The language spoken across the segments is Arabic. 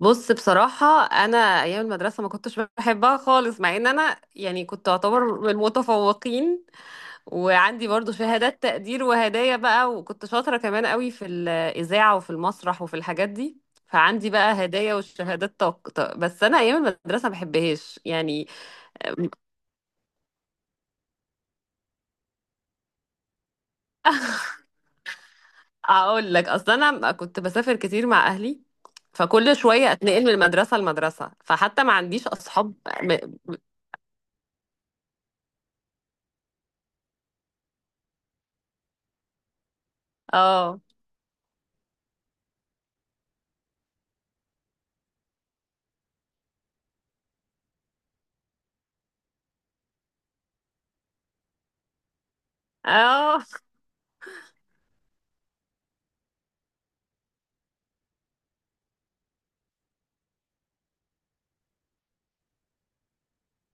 بص، بصراحة أنا أيام المدرسة ما كنتش بحبها خالص، مع إن أنا يعني كنت أعتبر من المتفوقين، وعندي برضو شهادات تقدير وهدايا بقى، وكنت شاطرة كمان قوي في الإذاعة وفي المسرح وفي الحاجات دي. فعندي بقى هدايا والشهادات طق، طق، بس أنا أيام المدرسة ما بحبهاش يعني. أقول لك، أصل أنا كنت بسافر كتير مع أهلي، فكل شوية أتنقل من المدرسة لمدرسة، فحتى ما عنديش أصحاب. م- اه، اه.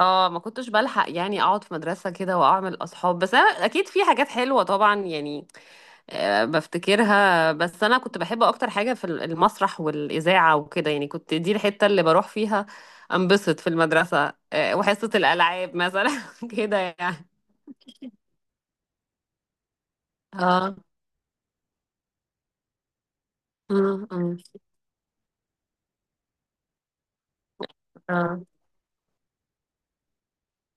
اه. ما كنتش بلحق يعني اقعد في مدرسة كده واعمل اصحاب، بس انا اكيد في حاجات حلوة طبعا يعني. بفتكرها، بس انا كنت بحب اكتر حاجة في المسرح والاذاعة وكده، يعني كنت دي الحتة اللي بروح فيها انبسط في المدرسة. وحصة الالعاب مثلا كده يعني. اه. م- م- اه.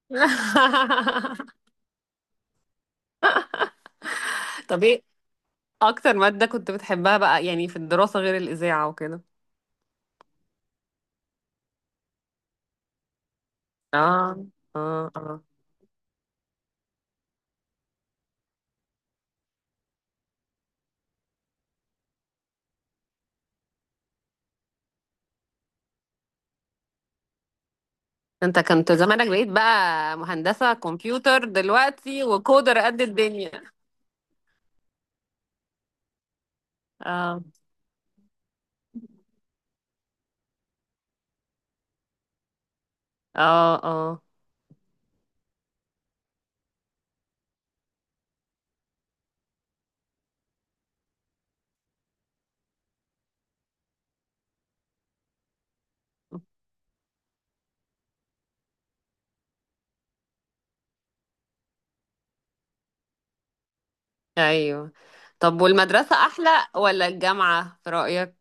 طب ايه اكتر مادة كنت بتحبها بقى يعني في الدراسة غير الاذاعة وكده؟ اه، اه، اه. انت كنت زمانك بقيت بقى مهندسة كمبيوتر دلوقتي وكودر قد الدنيا. اه، اه، اه، ايوه. طب والمدرسة احلى ولا الجامعة في رأيك؟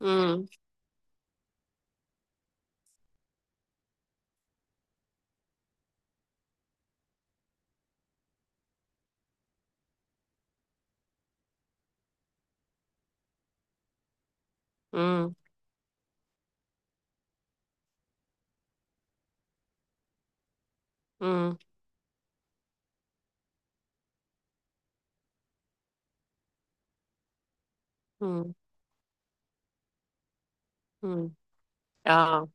امم، امم، امم، امم، امم، اه.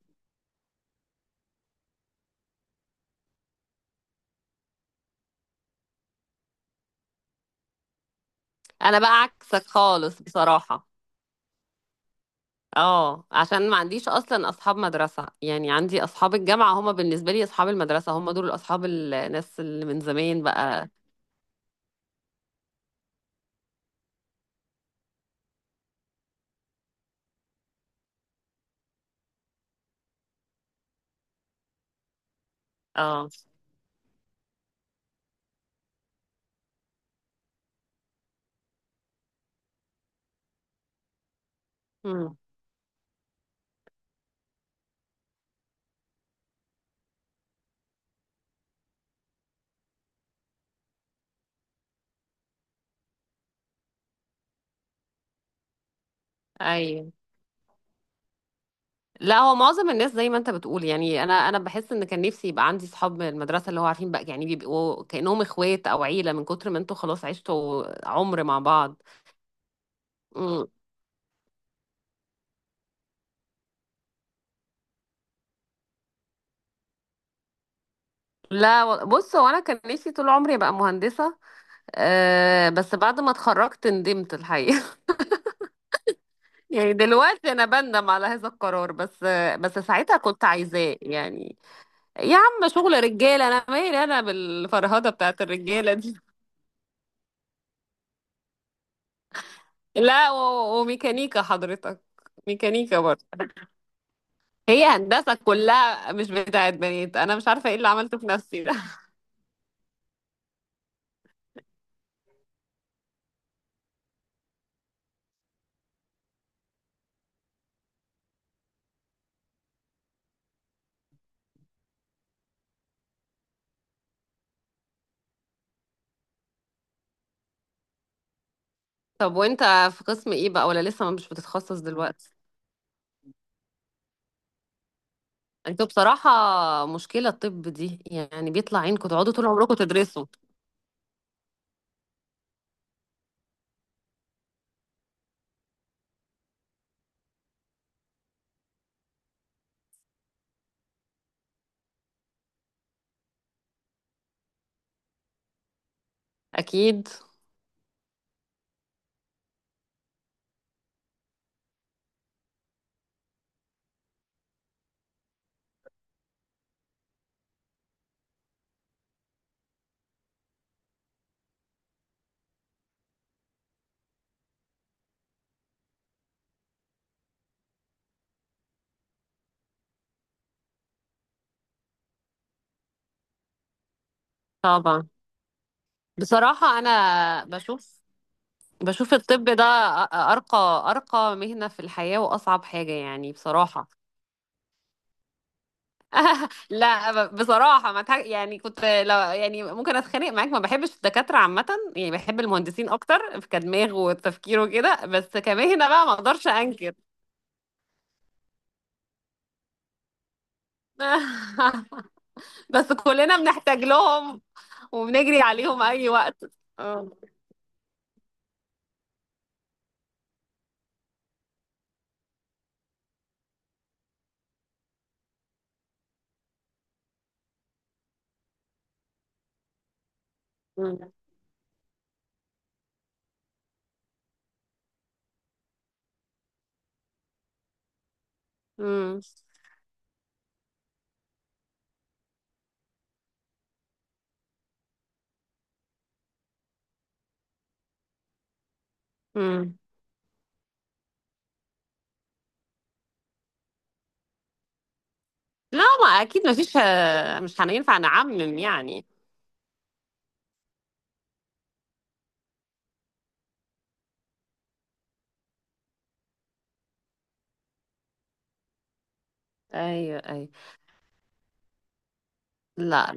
انا بقى عكسك خالص بصراحة. اه. عشان ما عنديش اصلا اصحاب مدرسة، يعني عندي اصحاب الجامعة، هما بالنسبة لي اصحاب المدرسة، هما دول اصحاب الناس اللي من زمان بقى. اه، امم، ايوه. لا هو معظم الناس زي ما انت بتقول، يعني انا بحس ان كان نفسي يبقى عندي صحاب من المدرسه، اللي هو عارفين بقى يعني بيبقوا كانهم اخوات او عيله، من كتر ما انتوا خلاص عشتوا عمر مع بعض. مم. لا بص هو انا كان نفسي طول عمري ابقى مهندسه. أه، بس بعد ما اتخرجت ندمت الحقيقه. يعني دلوقتي انا بندم على هذا القرار بس، بس ساعتها كنت عايزاه يعني. يا عم، شغل رجاله انا مالي انا بالفرهده بتاعت الرجاله دي. لا وميكانيكا حضرتك. ميكانيكا برضه. هي هندسة كلها مش بتاعت بنات، انا مش عارفة ايه اللي عملته في نفسي ده. طب وانت في قسم ايه بقى، ولا لسه مش بتتخصص دلوقتي؟ انتوا بصراحة مشكلة الطب دي يعني بيطلع عينكم تقعدوا طول عمركم تدرسوا. اكيد، طبعا. بصراحة انا بشوف الطب ده ارقى مهنة في الحياة واصعب حاجة يعني بصراحة. لا بصراحة ما تح... يعني كنت لو يعني ممكن اتخانق معاك، ما بحبش الدكاترة عامة. يعني بحب المهندسين اكتر في كدماغ وتفكير وكده، بس كمهنة بقى ما اقدرش انكر. بس كلنا بنحتاج لهم وبنجري عليهم اي وقت. اه. مم. مم. مم. لا، ما اكيد ما فيش، مش هننفع نعمم يعني. ايوه، ايوه. لا،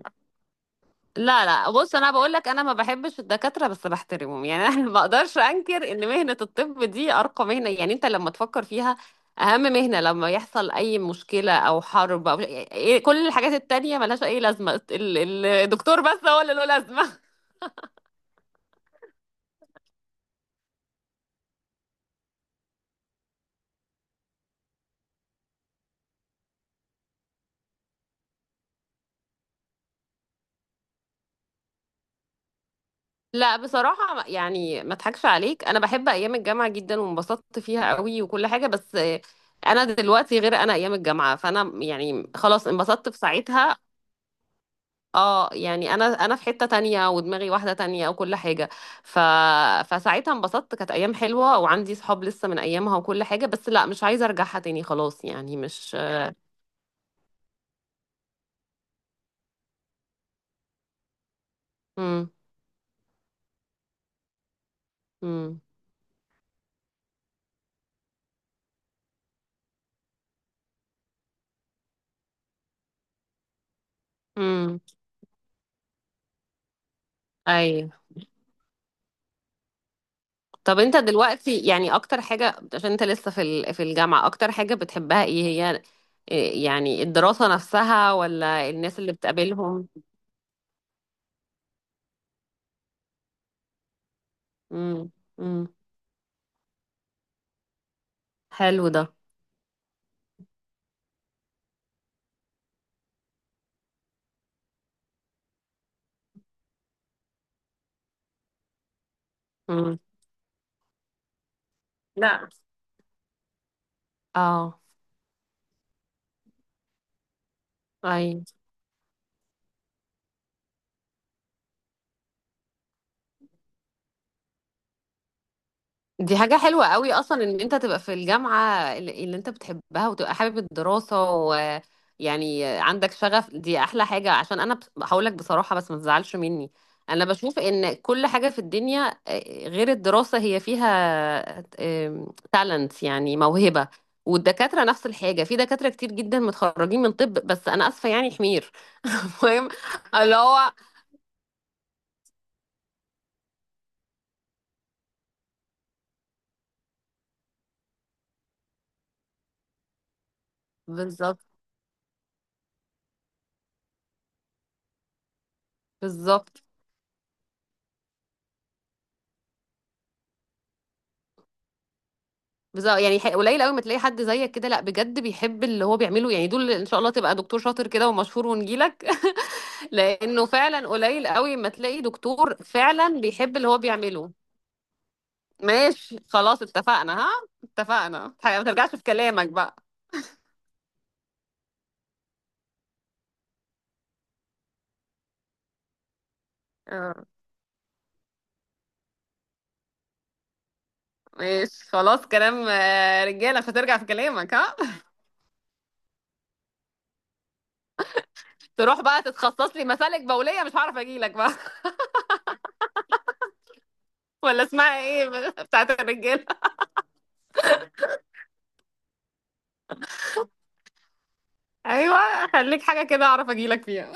لا، لا، بص انا بقول لك انا ما بحبش الدكاتره بس بحترمهم، يعني انا ما اقدرش انكر ان مهنه الطب دي ارقى مهنه، يعني انت لما تفكر فيها اهم مهنه لما يحصل اي مشكله او حرب او كل الحاجات التانية ملهاش اي لازمه، الدكتور بس هو اللي له لازمه. لا بصراحه يعني ما اضحكش عليك، انا بحب ايام الجامعه جدا وانبسطت فيها قوي وكل حاجه، بس انا دلوقتي غير انا ايام الجامعه، فانا يعني خلاص انبسطت في ساعتها. اه يعني انا في حتة تانية ودماغي واحدة تانية وكل حاجة. ف... فساعتها انبسطت، كانت ايام حلوة وعندي صحاب لسه من ايامها وكل حاجة، بس لا مش عايزة ارجعها تاني، خلاص يعني مش. امم، امم، امم، ايوه. طب انت دلوقتي يعني اكتر حاجة عشان انت لسه في في الجامعة، اكتر حاجة بتحبها ايه هي؟ إيه يعني الدراسة نفسها ولا الناس اللي بتقابلهم؟ امم، امم، حلو ده، امم، لا، اه، اي. دي حاجة حلوة قوي أصلا إن أنت تبقى في الجامعة اللي أنت بتحبها وتبقى حابب الدراسة، ويعني عندك شغف، دي أحلى حاجة، عشان أنا هقولك بصراحة بس ما تزعلش مني. أنا بشوف إن كل حاجة في الدنيا غير الدراسة، هي فيها تالنت يعني موهبة. والدكاترة نفس الحاجة، في دكاترة كتير جدا متخرجين من طب، بس أنا آسفة يعني حمير. المهم، اللي هو بالظبط، بالظبط، بالظبط. يعني قليل قوي ما تلاقي حد زيك كده، لا بجد بيحب اللي هو بيعمله، يعني دول، ان شاء الله تبقى دكتور شاطر كده ومشهور ونجيلك. لانه فعلا قليل قوي ما تلاقي دكتور فعلا بيحب اللي هو بيعمله. ماشي خلاص، اتفقنا، ها. اتفقنا، ما ترجعش في كلامك بقى. آه، ماشي خلاص، كلام رجاله، مش هترجع في كلامك ها. تروح بقى تتخصص لي مسالك بوليه، مش هعرف اجيلك بقى. ولا اسمها ايه بتاعت الرجاله؟ ايوه خليك حاجه كده اعرف اجيلك فيها.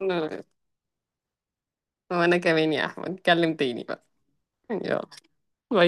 وانا كمان يا احمد، نتكلم تاني بقى. يلا، باي.